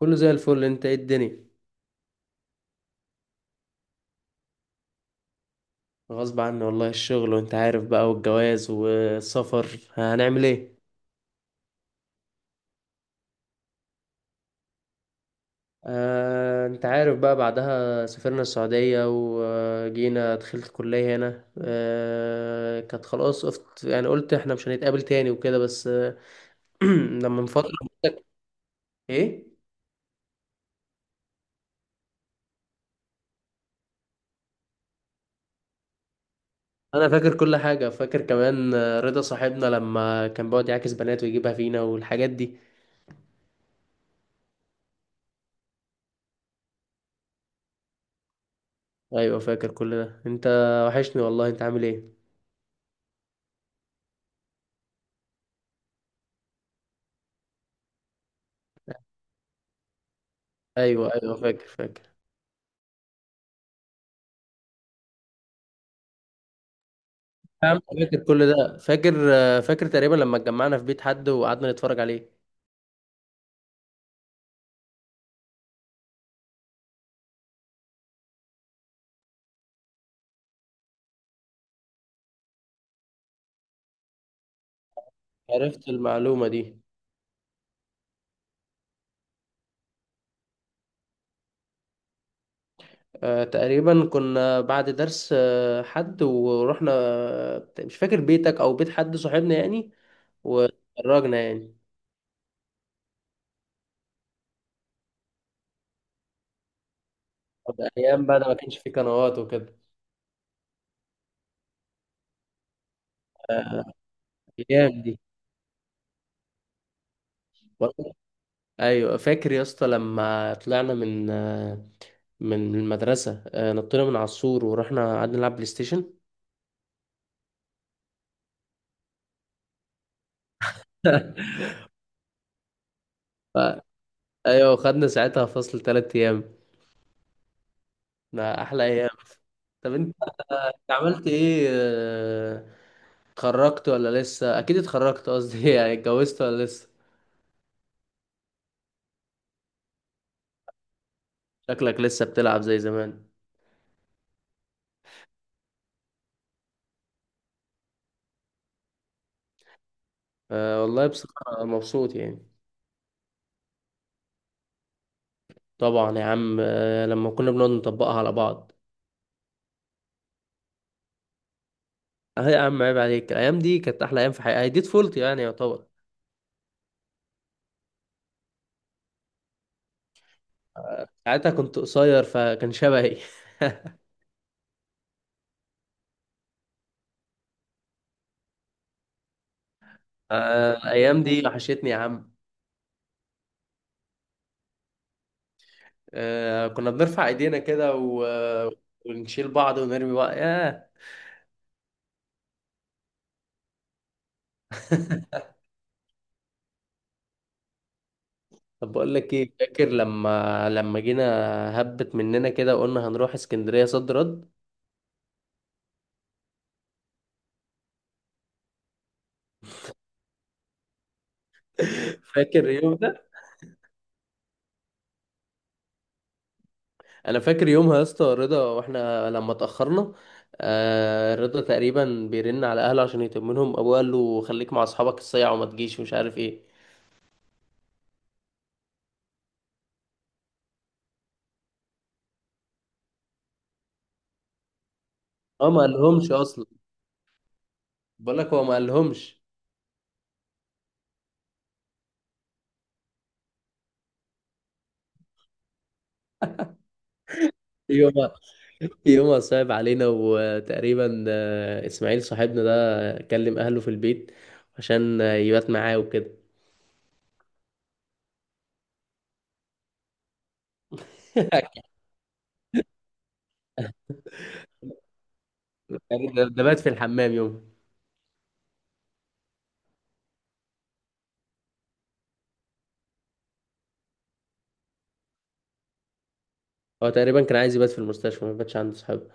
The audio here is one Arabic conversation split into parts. كله زي الفل. انت ايه الدنيا؟ غصب عني والله، الشغل وانت عارف بقى، والجواز والسفر، هنعمل ايه؟ آه، انت عارف بقى، بعدها سافرنا السعودية وجينا دخلت الكلية هنا، كانت خلاص قفت، يعني قلت احنا مش هنتقابل تاني وكده، بس. لما من فترة. ايه؟ انا فاكر كل حاجة، فاكر كمان، رضا صاحبنا لما كان بيقعد يعاكس بنات ويجيبها فينا والحاجات دي. ايوه فاكر كل ده انت. وحشني والله. انت عامل ايه؟ ايوه، ايوه، فاكر، فاكر. فاهم، فاكر كل ده، فاكر. فاكر تقريبا لما اتجمعنا في بيت حد وقعدنا نتفرج عليه. عرفت المعلومة دي؟ تقريبا كنا بعد درس، حد ورحنا، مش فاكر بيتك او بيت حد صاحبنا يعني. واتفرجنا يعني. طب ايام بقى ده ما كانش فيه قنوات وكده. آه، ايام دي. ايوه، فاكر يا اسطى لما طلعنا من المدرسة، نطينا من على السور ورحنا قعدنا نلعب بلاي ستيشن. ف- ايوه، خدنا ساعتها فصل 3 ايام. ده احلى ايام. طب انت عملت ايه؟ اتخرجت ولا لسه؟ اكيد اتخرجت، قصدي يعني اتجوزت ولا لسه؟ شكلك لسه بتلعب زي زمان. أه والله بصراحة مبسوط يعني. طبعا يا عم، أه، لما كنا بنقعد نطبقها على بعض. اه يا عم عيب عليك، الايام دي كانت احلى ايام في حياتي، دي طفولتي يعني يعتبر. ساعتها كنت قصير فكان شبهي. الأيام دي وحشتني يا عم. كنا بنرفع إيدينا كده و... آه، ونشيل بعض ونرمي بعض، ياه. طب بقول لك ايه، فاكر لما جينا، هبت مننا كده وقلنا هنروح اسكندريه، صد رد. فاكر اليوم ده. انا فاكر يومها يا اسطى، رضا واحنا لما اتاخرنا. رضا تقريبا بيرن على اهله عشان يطمنهم، ابوه قال له خليك مع اصحابك الصيع وما تجيش ومش عارف ايه. هو ما قالهمش اصلا. بقول لك هو ما قالهمش. يومها. يومها صعب علينا. وتقريبا، اسماعيل صاحبنا ده كلم اهله في البيت عشان يبات معاه وكده. ده ده بات في الحمام يوم. هو تقريبا كان عايز يبات في المستشفى، ما باتش عنده صحاب.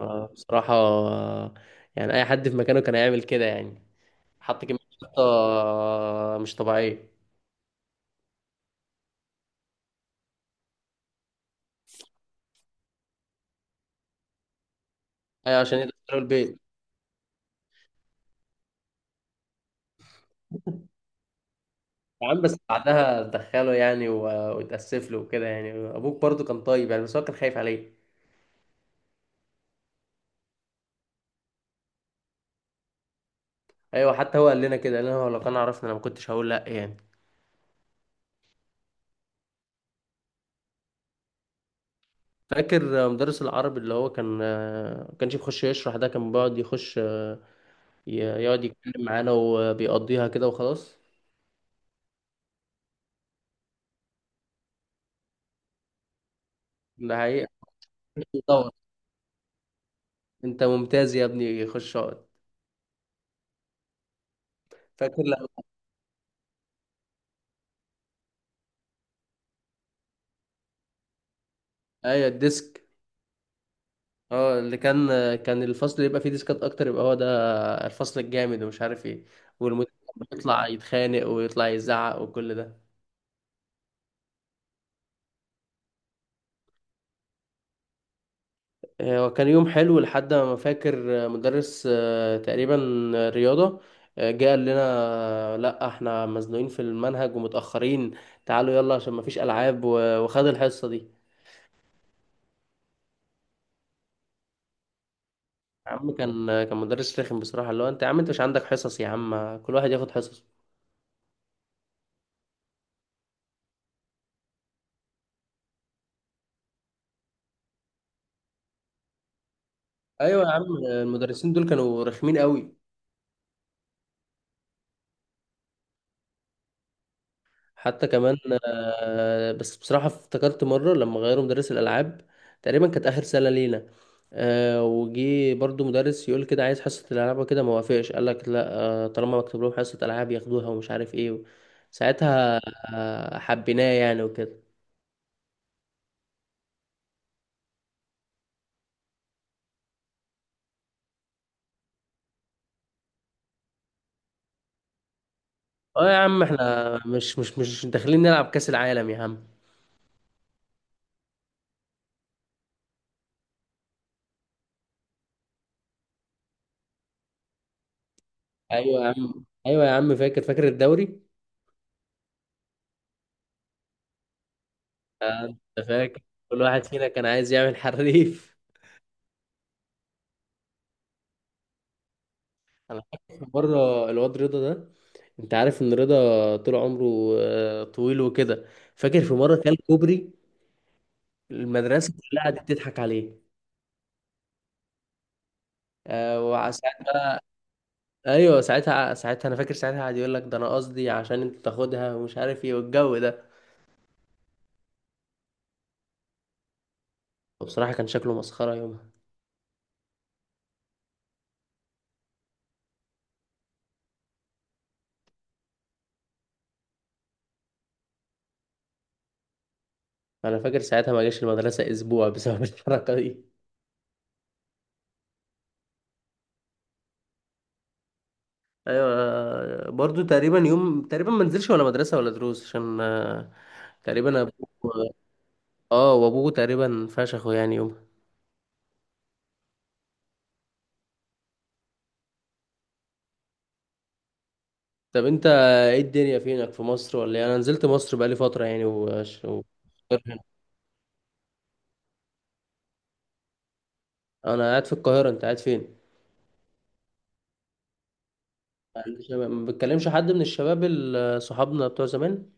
بصراحة، يعني أي حد في مكانه كان هيعمل كده يعني. حط كمية شطة، مش طبيعية. أيوة، عشان يدخلوا البيت. يا عم بس بعدها دخله يعني واتأسف له وكده، يعني أبوك برضو كان طيب يعني، بس هو كان خايف عليه. أيوة، حتى هو قال لنا كده، قال لنا هو لو كان عرفنا أنا ما كنتش هقول لأ يعني. فاكر مدرس العربي، اللي هو كان، ما كانش بيخش يشرح، ده كان بيقعد يخش، يقعد يتكلم معانا وبيقضيها كده وخلاص. ده حقيقة. طبعا. انت ممتاز يا ابني، خش اقعد. فاكر لما. ايوه الديسك. اه اللي كان الفصل اللي يبقى فيه ديسكات اكتر يبقى هو ده الفصل الجامد ومش عارف ايه. والمدير كان بيطلع يتخانق ويطلع يزعق وكل ده. وكان يوم حلو لحد ما فاكر، مدرس، تقريبا، رياضة، جه قال لنا، لا احنا مزنوقين في المنهج ومتأخرين، تعالوا يلا عشان مفيش ألعاب وخد الحصة دي. يا عم كان مدرس رخم بصراحة، اللي هو انت يا عم، انت مش عندك حصص يا عم؟ كل واحد ياخد حصص. ايوه يا عم، المدرسين دول كانوا رخمين قوي. حتى كمان، بس بصراحة افتكرت مرة لما غيروا مدرس الألعاب. تقريبا كانت آخر سنة لينا. وجي برضو مدرس يقول كده عايز حصة الألعاب وكده، ما وافقش، قال لك لا، طالما مكتوب لهم حصة ألعاب ياخدوها ومش عارف ايه ساعتها. حبيناه يعني وكده. اه يا عم احنا مش داخلين نلعب كأس العالم يا عم. ايوه يا عم، ايوه يا عم، فاكر، فاكر الدوري. آه، انت فاكر، كل واحد فينا كان عايز يعمل حريف. انا فاكر مره الواد رضا ده، انت عارف ان رضا طول عمره طويل وكده. فاكر في مره كان كوبري. المدرسه كلها قعدت تضحك عليه. آه، وساعتها. ايوه ساعتها، انا فاكر ساعتها قعد يقول لك ده انا قصدي عشان انت تاخدها، ومش عارف ايه والجو ده. وبصراحه كان شكله مسخره يومها. انا فاكر ساعتها ما جاش المدرسه اسبوع بسبب الحركه دي. ايوه، برضو تقريبا يوم، تقريبا ما نزلش ولا مدرسه ولا دروس عشان، تقريبا ابوه. اه وابوه تقريبا فشخه يعني يوم. طب انت ايه الدنيا، فينك في مصر ولا إيه؟ انا نزلت مصر بقالي فتره يعني انا قاعد في القاهره، انت قاعد فين؟ ما بتكلمش حد من الشباب، صحابنا بتوع زمان.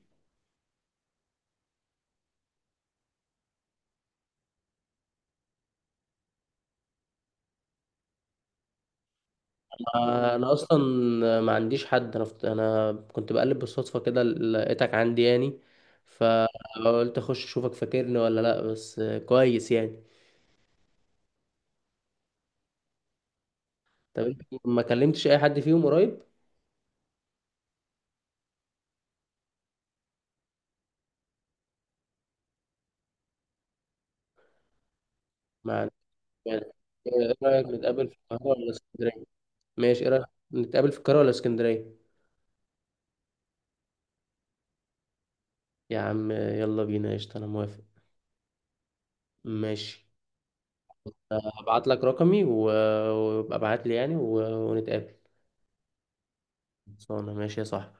انا اصلا ما عنديش حد، انا كنت بقلب بالصدفه كده لقيتك عندي يعني، فقلت اخش اشوفك فاكرني ولا لا، بس كويس يعني. طب انت ما كلمتش اي حد فيهم قريب؟ مع، يعني، ايه رايك نتقابل في القاهره ولا اسكندريه؟ ماشي، ايه رايك نتقابل في القاهره ولا اسكندريه؟ يا عم يلا بينا قشطه، انا موافق. ماشي. هبعت لك رقمي وابقى ابعت لي يعني ونتقابل. خلصانه ماشي يا صاحبي.